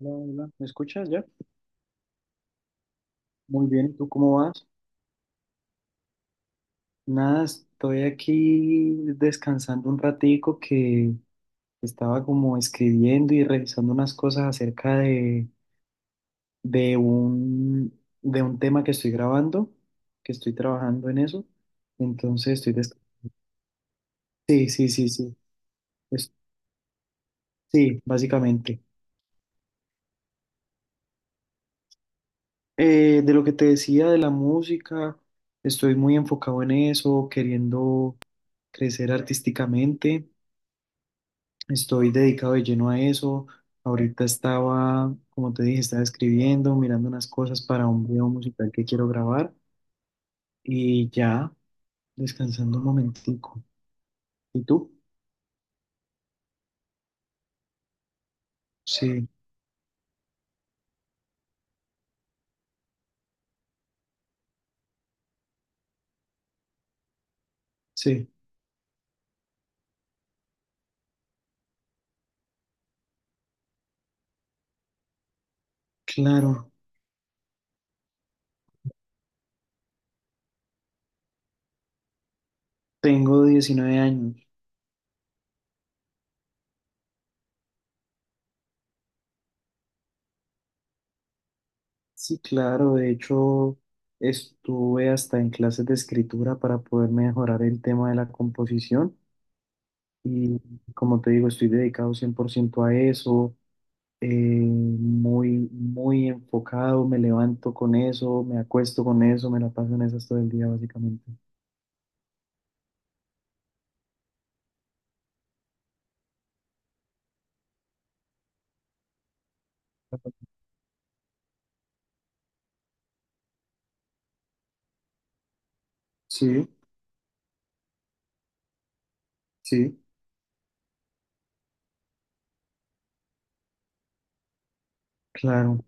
Hola, hola, ¿me escuchas ya? Muy bien, ¿y tú cómo vas? Nada, estoy aquí descansando un ratico que estaba como escribiendo y revisando unas cosas acerca de un tema que estoy grabando, que estoy trabajando en eso. Entonces estoy des- Sí, sí, sí, sí. Es- sí, básicamente. De lo que te decía de la música, estoy muy enfocado en eso, queriendo crecer artísticamente. Estoy dedicado de lleno a eso. Ahorita estaba, como te dije, estaba escribiendo, mirando unas cosas para un video musical que quiero grabar y ya descansando un momentico. ¿Y tú? Sí, sí, claro. Tengo 19 años. Sí, claro. De hecho, estuve hasta en clases de escritura para poder mejorar el tema de la composición y como te digo, estoy dedicado 100% a eso. Muy, muy enfocado, me levanto con eso, me acuesto con eso, me la paso en esas todo el día, básicamente. Sí, sí, claro,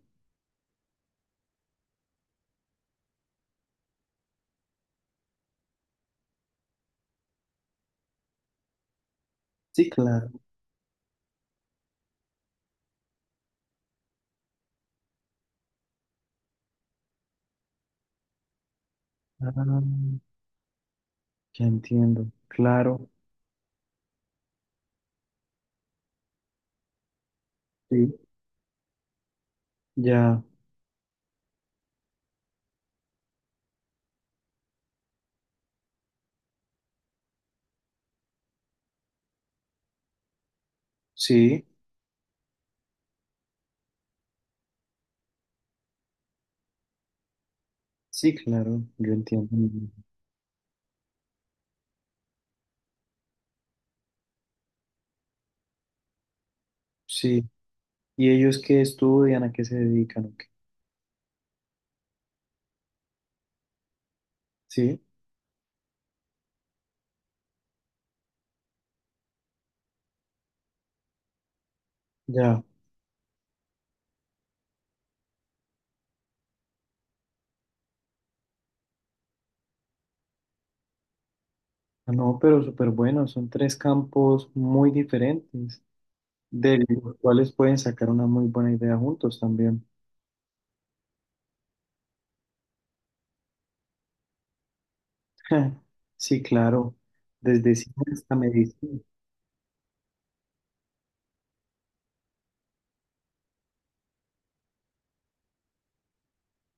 sí, claro, ah, ya entiendo, claro, sí, ya, sí, sí, claro, yo entiendo. Sí, ¿y ellos qué estudian, a qué se dedican o qué? Sí, ya. Ah, no, pero súper bueno, son tres campos muy diferentes, de sí, los cuales pueden sacar una muy buena idea juntos también. Sí, claro. Desde cine hasta medicina,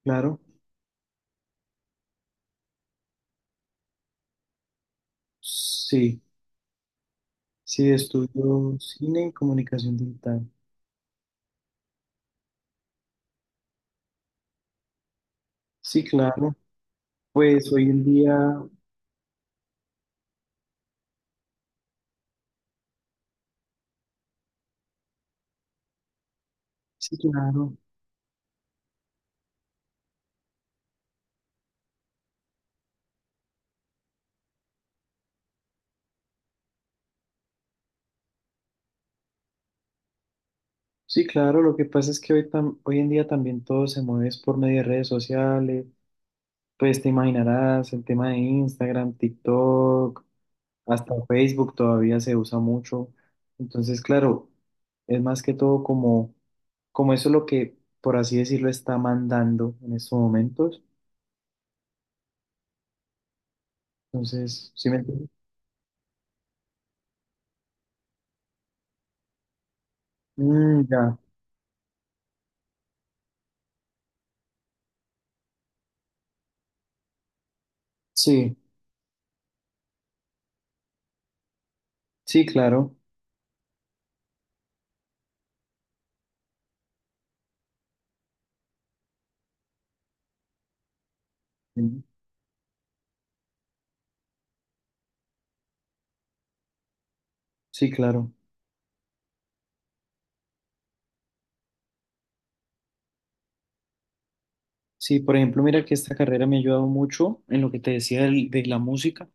claro. Sí, sí, estudio cine y comunicación digital. Sí, claro. Pues hoy en día, sí, claro. Sí, claro. Lo que pasa es que hoy, tam- hoy en día también todo se mueve es por medio de redes sociales. Pues te imaginarás el tema de Instagram, TikTok. Hasta Facebook todavía se usa mucho. Entonces, claro, es más que todo como, como eso es lo que, por así decirlo, está mandando en estos momentos. Entonces, ¿sí me entiendes? Mm, ya. Sí, sí, claro. Sí, sí, claro. Sí, por ejemplo, mira que esta carrera me ha ayudado mucho en lo que te decía de la música.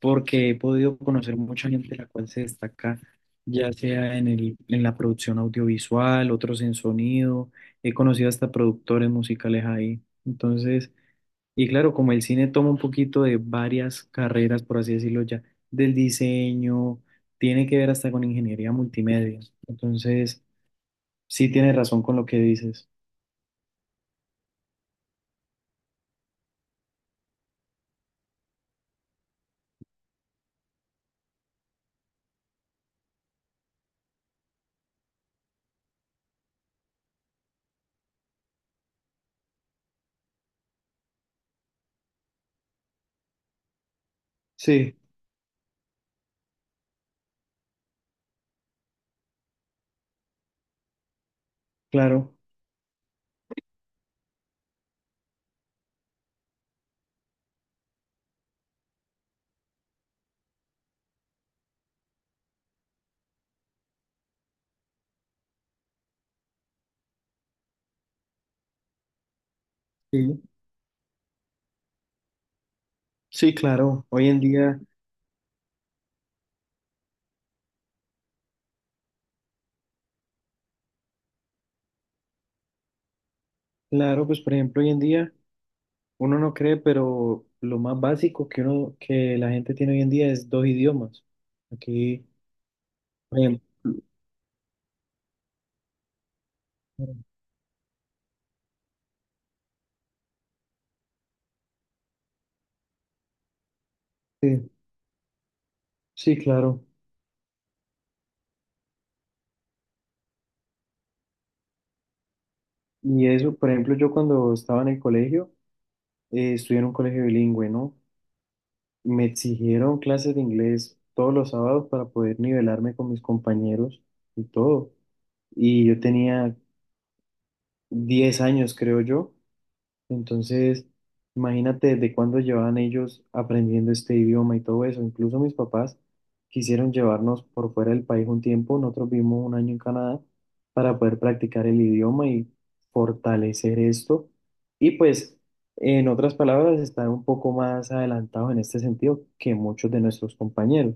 Porque he podido conocer mucha gente la cual se destaca, ya sea en la producción audiovisual, otros en sonido, he conocido hasta productores musicales ahí. Entonces, y claro, como el cine toma un poquito de varias carreras, por así decirlo ya, del diseño, tiene que ver hasta con ingeniería multimedia. Entonces, sí tienes razón con lo que dices. Sí, claro. Sí, sí, claro. Hoy en día, claro, pues por ejemplo, hoy en día... Uno no cree, pero lo más básico que uno, que la gente tiene hoy en día es dos idiomas. Aquí, por ejemplo, sí, sí, claro. Y eso, por ejemplo, yo cuando estaba en el colegio, estudié en un colegio bilingüe, ¿no? Me exigieron clases de inglés todos los sábados para poder nivelarme con mis compañeros y todo. Y yo tenía 10 años, creo yo. Entonces, imagínate desde cuándo llevaban ellos aprendiendo este idioma y todo eso. Incluso mis papás quisieron llevarnos por fuera del país un tiempo. Nosotros vivimos 1 año en Canadá para poder practicar el idioma y fortalecer esto. Y pues, en otras palabras, estar un poco más adelantados en este sentido que muchos de nuestros compañeros.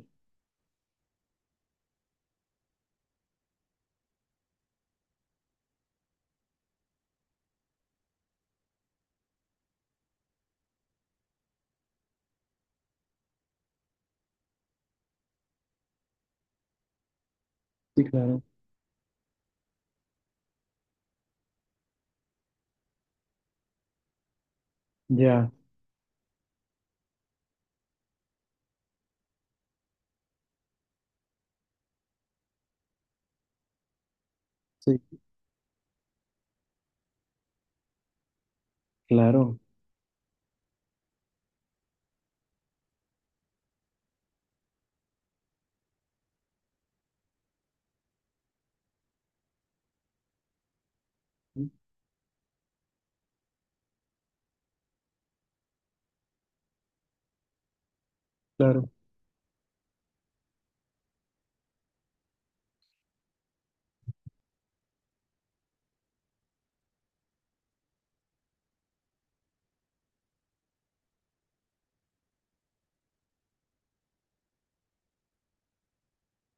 Sí, claro. Ya, sí, claro, claro.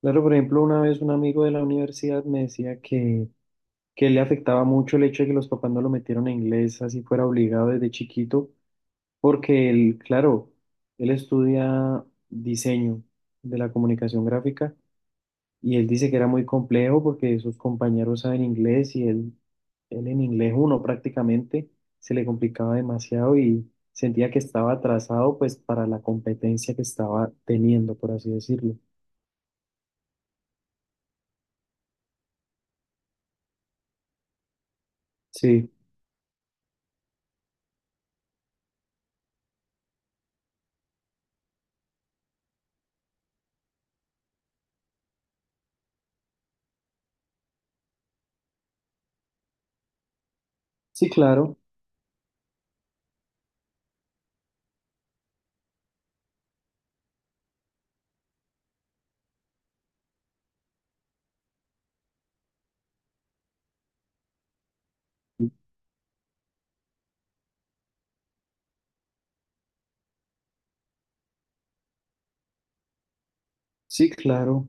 Claro, por ejemplo, una vez un amigo de la universidad me decía que le afectaba mucho el hecho de que los papás no lo metieron a inglés, así fuera obligado desde chiquito, porque él, claro, él estudia diseño de la comunicación gráfica y él dice que era muy complejo porque sus compañeros saben inglés y él en inglés uno prácticamente se le complicaba demasiado y sentía que estaba atrasado pues para la competencia que estaba teniendo, por así decirlo. Sí, sí, claro, sí, claro,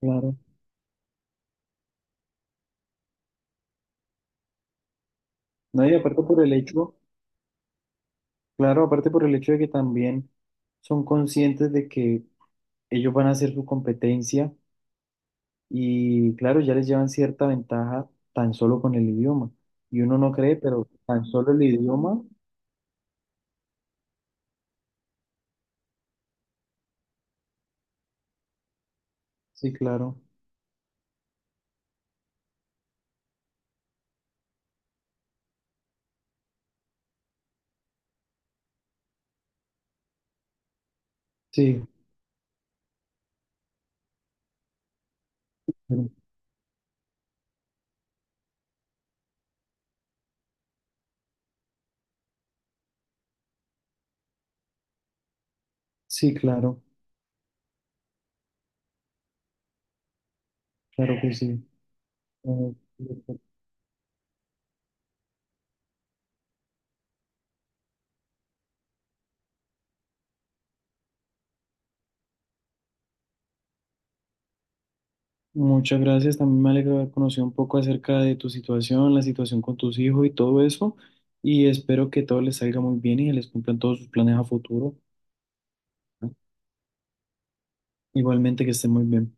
claro. No, y aparte por el hecho claro, aparte por el hecho de que también son conscientes de que ellos van a hacer su competencia y claro, ya les llevan cierta ventaja tan solo con el idioma. Y uno no cree, pero tan solo el idioma, sí, claro. Sí, pero- sí, claro, claro que sí. Eh, Muchas gracias, también me alegra haber conocido un poco acerca de tu situación, la situación con tus hijos y todo eso. Y espero que todo les salga muy bien y que les cumplan todos sus planes a futuro. Igualmente que estén muy bien.